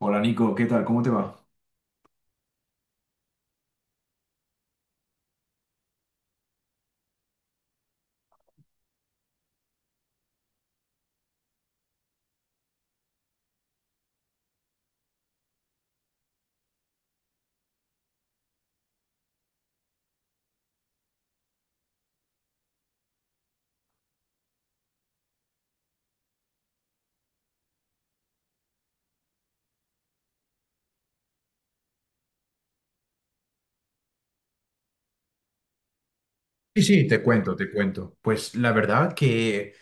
Hola Nico, ¿qué tal? ¿Cómo te va? Sí, sí, te cuento, te cuento. Pues la verdad que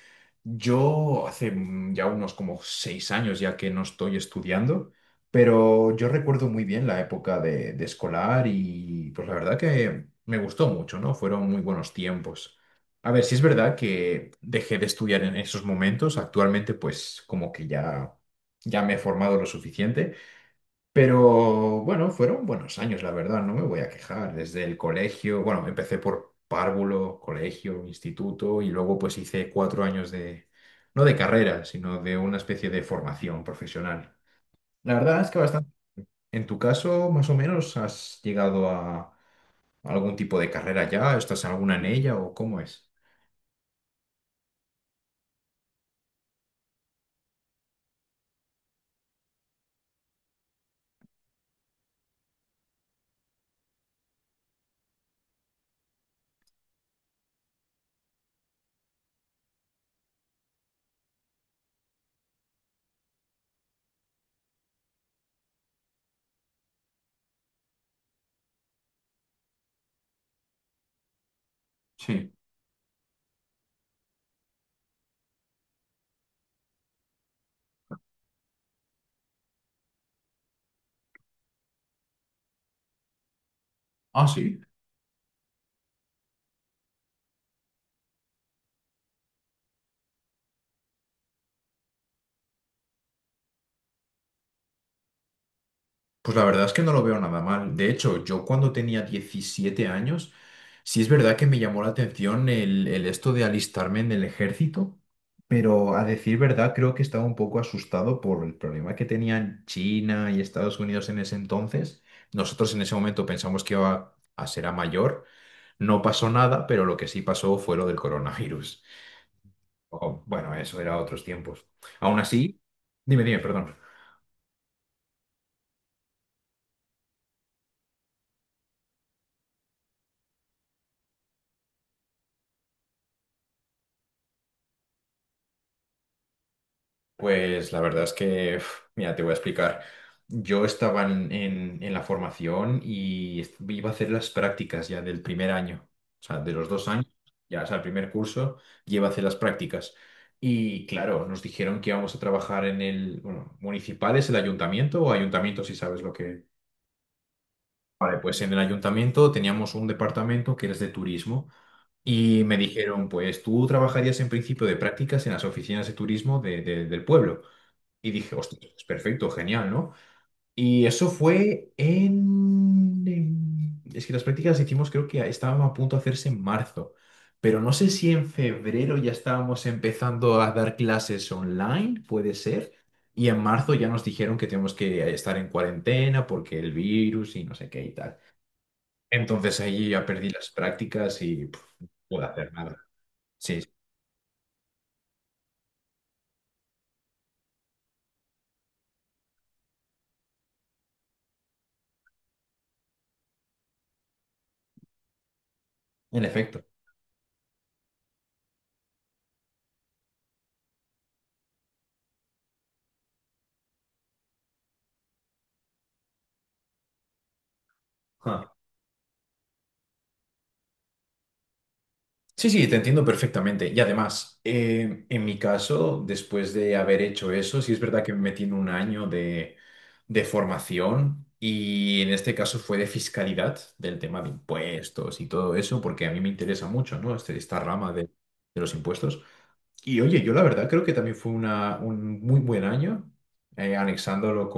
yo hace ya unos como 6 años ya que no estoy estudiando, pero yo recuerdo muy bien la época de escolar y pues la verdad que me gustó mucho, ¿no? Fueron muy buenos tiempos. A ver, sí es verdad que dejé de estudiar en esos momentos. Actualmente pues como que ya, ya me he formado lo suficiente. Pero bueno, fueron buenos años, la verdad, no me voy a quejar. Desde el colegio, bueno, empecé por párvulo, colegio, instituto y luego pues hice cuatro años de, no de carrera, sino de una especie de formación profesional. La verdad es que bastante. En tu caso, más o menos, ¿has llegado a algún tipo de carrera ya? ¿Estás alguna en ella o cómo es? Sí. Ah, sí. Pues la verdad es que no lo veo nada mal. De hecho, yo cuando tenía 17 años, sí es verdad que me llamó la atención el esto de alistarme en el ejército, pero a decir verdad creo que estaba un poco asustado por el problema que tenían China y Estados Unidos en ese entonces. Nosotros en ese momento pensamos que iba a ser a mayor. No pasó nada, pero lo que sí pasó fue lo del coronavirus. Oh, bueno, eso era otros tiempos. Aún así, dime, dime, perdón. Pues la verdad es que, uf, mira, te voy a explicar. Yo estaba en la formación y iba a hacer las prácticas ya del primer año, o sea, de los dos años, ya, o sea, el primer curso, ya iba a hacer las prácticas. Y claro, nos dijeron que íbamos a trabajar en el, bueno, municipal es el ayuntamiento o ayuntamiento, si sabes lo que... Vale, pues en el ayuntamiento teníamos un departamento que era de turismo. Y me dijeron, pues tú trabajarías en principio de prácticas en las oficinas de turismo del pueblo. Y dije, hostia, es perfecto, genial, ¿no? Y eso fue en... Es que las prácticas las hicimos, creo que estábamos a punto de hacerse en marzo, pero no sé si en febrero ya estábamos empezando a dar clases online, puede ser, y en marzo ya nos dijeron que tenemos que estar en cuarentena porque el virus y no sé qué y tal. Entonces ahí ya perdí las prácticas y puf, no pude hacer nada. Sí, sí, en efecto. Sí, sí, te entiendo perfectamente. Y además, en mi caso, después de haber hecho eso, sí es verdad que me metí en un año de formación y en este caso fue de fiscalidad, del tema de impuestos y todo eso, porque a mí me interesa mucho, ¿no? Esta rama de los impuestos. Y oye, yo la verdad creo que también fue un muy buen año, anexándolo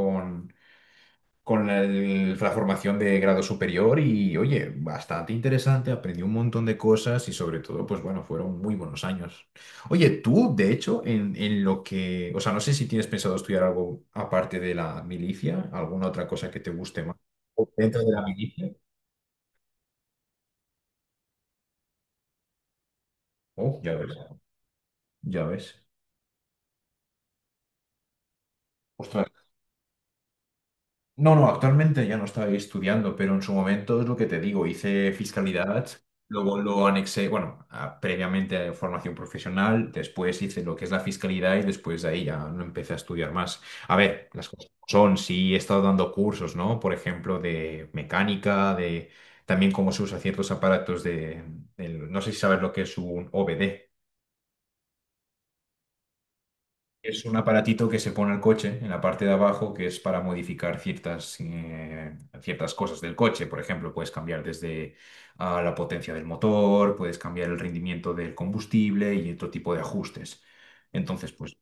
con la formación de grado superior y, oye, bastante interesante, aprendí un montón de cosas y sobre todo, pues bueno, fueron muy buenos años. Oye, tú, de hecho, en lo que, o sea, no sé si tienes pensado estudiar algo aparte de la milicia, alguna otra cosa que te guste más. ¿O dentro de la milicia? Oh, ya ves, ya ves. Ostras, no, no, actualmente ya no estoy estudiando, pero en su momento es lo que te digo, hice fiscalidad, luego lo anexé, bueno, previamente a formación profesional, después hice lo que es la fiscalidad y después de ahí ya no empecé a estudiar más. A ver, las cosas como son, sí he estado dando cursos, ¿no? Por ejemplo, de mecánica, de también cómo se usa ciertos aparatos de, no sé si sabes lo que es un OBD. Es un aparatito que se pone al coche en la parte de abajo que es para modificar ciertas, ciertas cosas del coche. Por ejemplo, puedes cambiar desde ah, la potencia del motor, puedes cambiar el rendimiento del combustible y otro tipo de ajustes. Entonces, pues,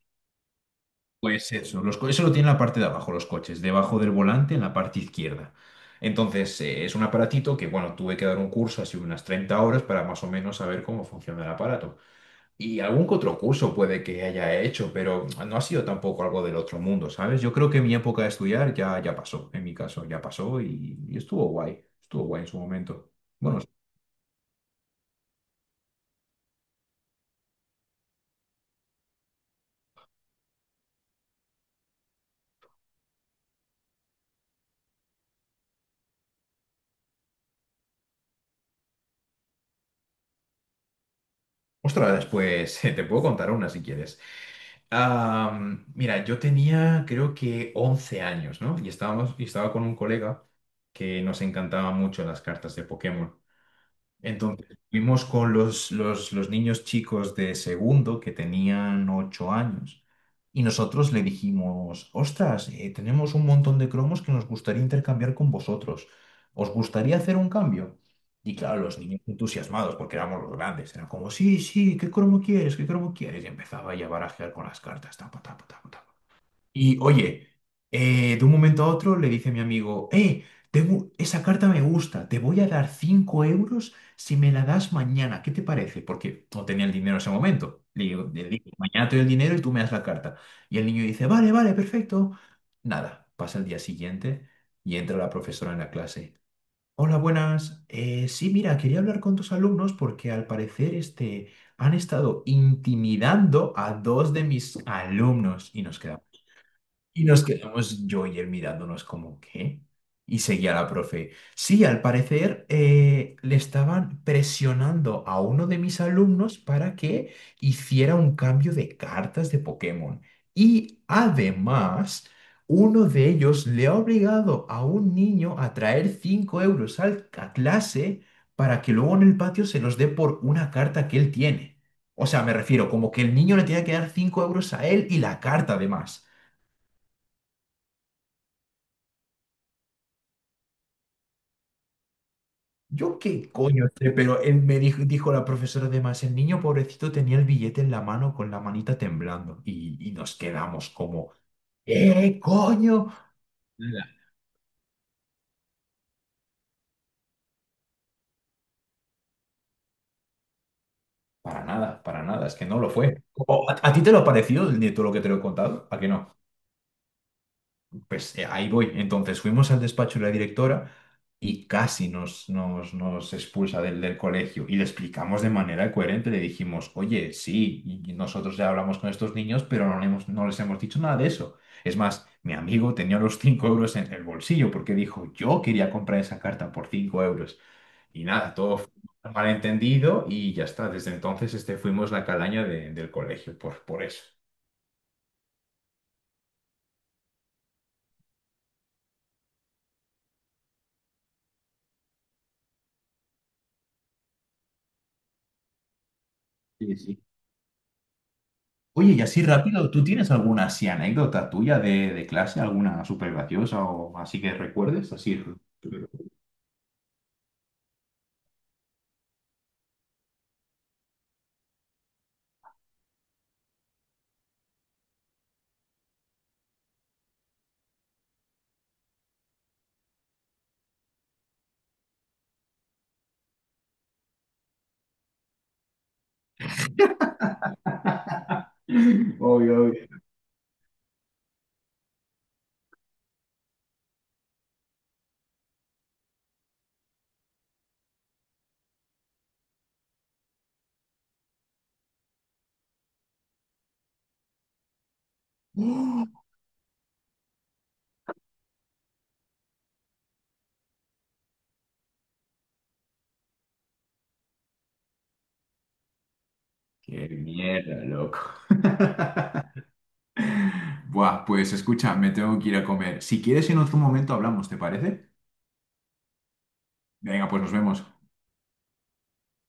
pues eso, eso lo tiene en la parte de abajo, los coches, debajo del volante en la parte izquierda. Entonces, es un aparatito que, bueno, tuve que dar un curso así unas 30 horas para más o menos saber cómo funciona el aparato. Y algún que otro curso puede que haya hecho, pero no ha sido tampoco algo del otro mundo, ¿sabes? Yo creo que mi época de estudiar ya, ya pasó, en mi caso, ya pasó y estuvo guay en su momento. Bueno, ostras, después te puedo contar una si quieres. Mira, yo tenía creo que 11 años, ¿no? Y estábamos, y estaba con un colega que nos encantaba mucho las cartas de Pokémon. Entonces, fuimos con los niños chicos de segundo que tenían 8 años y nosotros le dijimos, ostras, tenemos un montón de cromos que nos gustaría intercambiar con vosotros. ¿Os gustaría hacer un cambio? Y claro, los niños entusiasmados, porque éramos los grandes, eran como, sí, sí, ¿qué cromo quieres? ¿Qué cromo quieres? Y empezaba ya a barajear con las cartas, tapa, tapa, tapa, tapa. Y oye, de un momento a otro le dice mi amigo, esa carta me gusta, te voy a dar 5 euros si me la das mañana, ¿qué te parece? Porque no tenía el dinero en ese momento. Le digo, mañana te doy el dinero y tú me das la carta. Y el niño dice, vale, vale, perfecto. Nada, pasa el día siguiente y entra la profesora en la clase. Hola, buenas. Sí, mira, quería hablar con tus alumnos porque al parecer este, han estado intimidando a dos de mis alumnos y nos quedamos. Y nos quedamos yo y él mirándonos como, ¿qué? Y seguía la profe. Sí, al parecer le estaban presionando a uno de mis alumnos para que hiciera un cambio de cartas de Pokémon. Y además, uno de ellos le ha obligado a un niño a traer 5 euros a clase para que luego en el patio se los dé por una carta que él tiene. O sea, me refiero como que el niño le tenía que dar 5 euros a él y la carta además. Yo qué coño sé, pero él me dijo, dijo la profesora además, el niño pobrecito tenía el billete en la mano con la manita temblando y nos quedamos como, ¡eh, coño! Para nada, es que no lo fue. O- ¿A, a ti te lo ha parecido de todo lo que te lo he contado? ¿A que no? Pues ahí voy. Entonces fuimos al despacho de la directora y casi nos expulsa del colegio. Y le explicamos de manera coherente, le dijimos, oye, sí, y nosotros ya hablamos con estos niños, pero no, no les hemos dicho nada de eso. Es más, mi amigo tenía los 5 euros en el bolsillo porque dijo, yo quería comprar esa carta por 5 euros. Y nada, todo fue un malentendido y ya está. Desde entonces este, fuimos la calaña del colegio por eso. Sí, sí. Oye, y así rápido, ¿tú tienes alguna así anécdota tuya de clase, alguna súper graciosa o así que recuerdes? Así. Obvio, obvio. ¡Qué mierda, loco! Buah, pues escucha, me tengo que ir a comer. Si quieres, en otro momento hablamos, ¿te parece? Venga, pues nos vemos.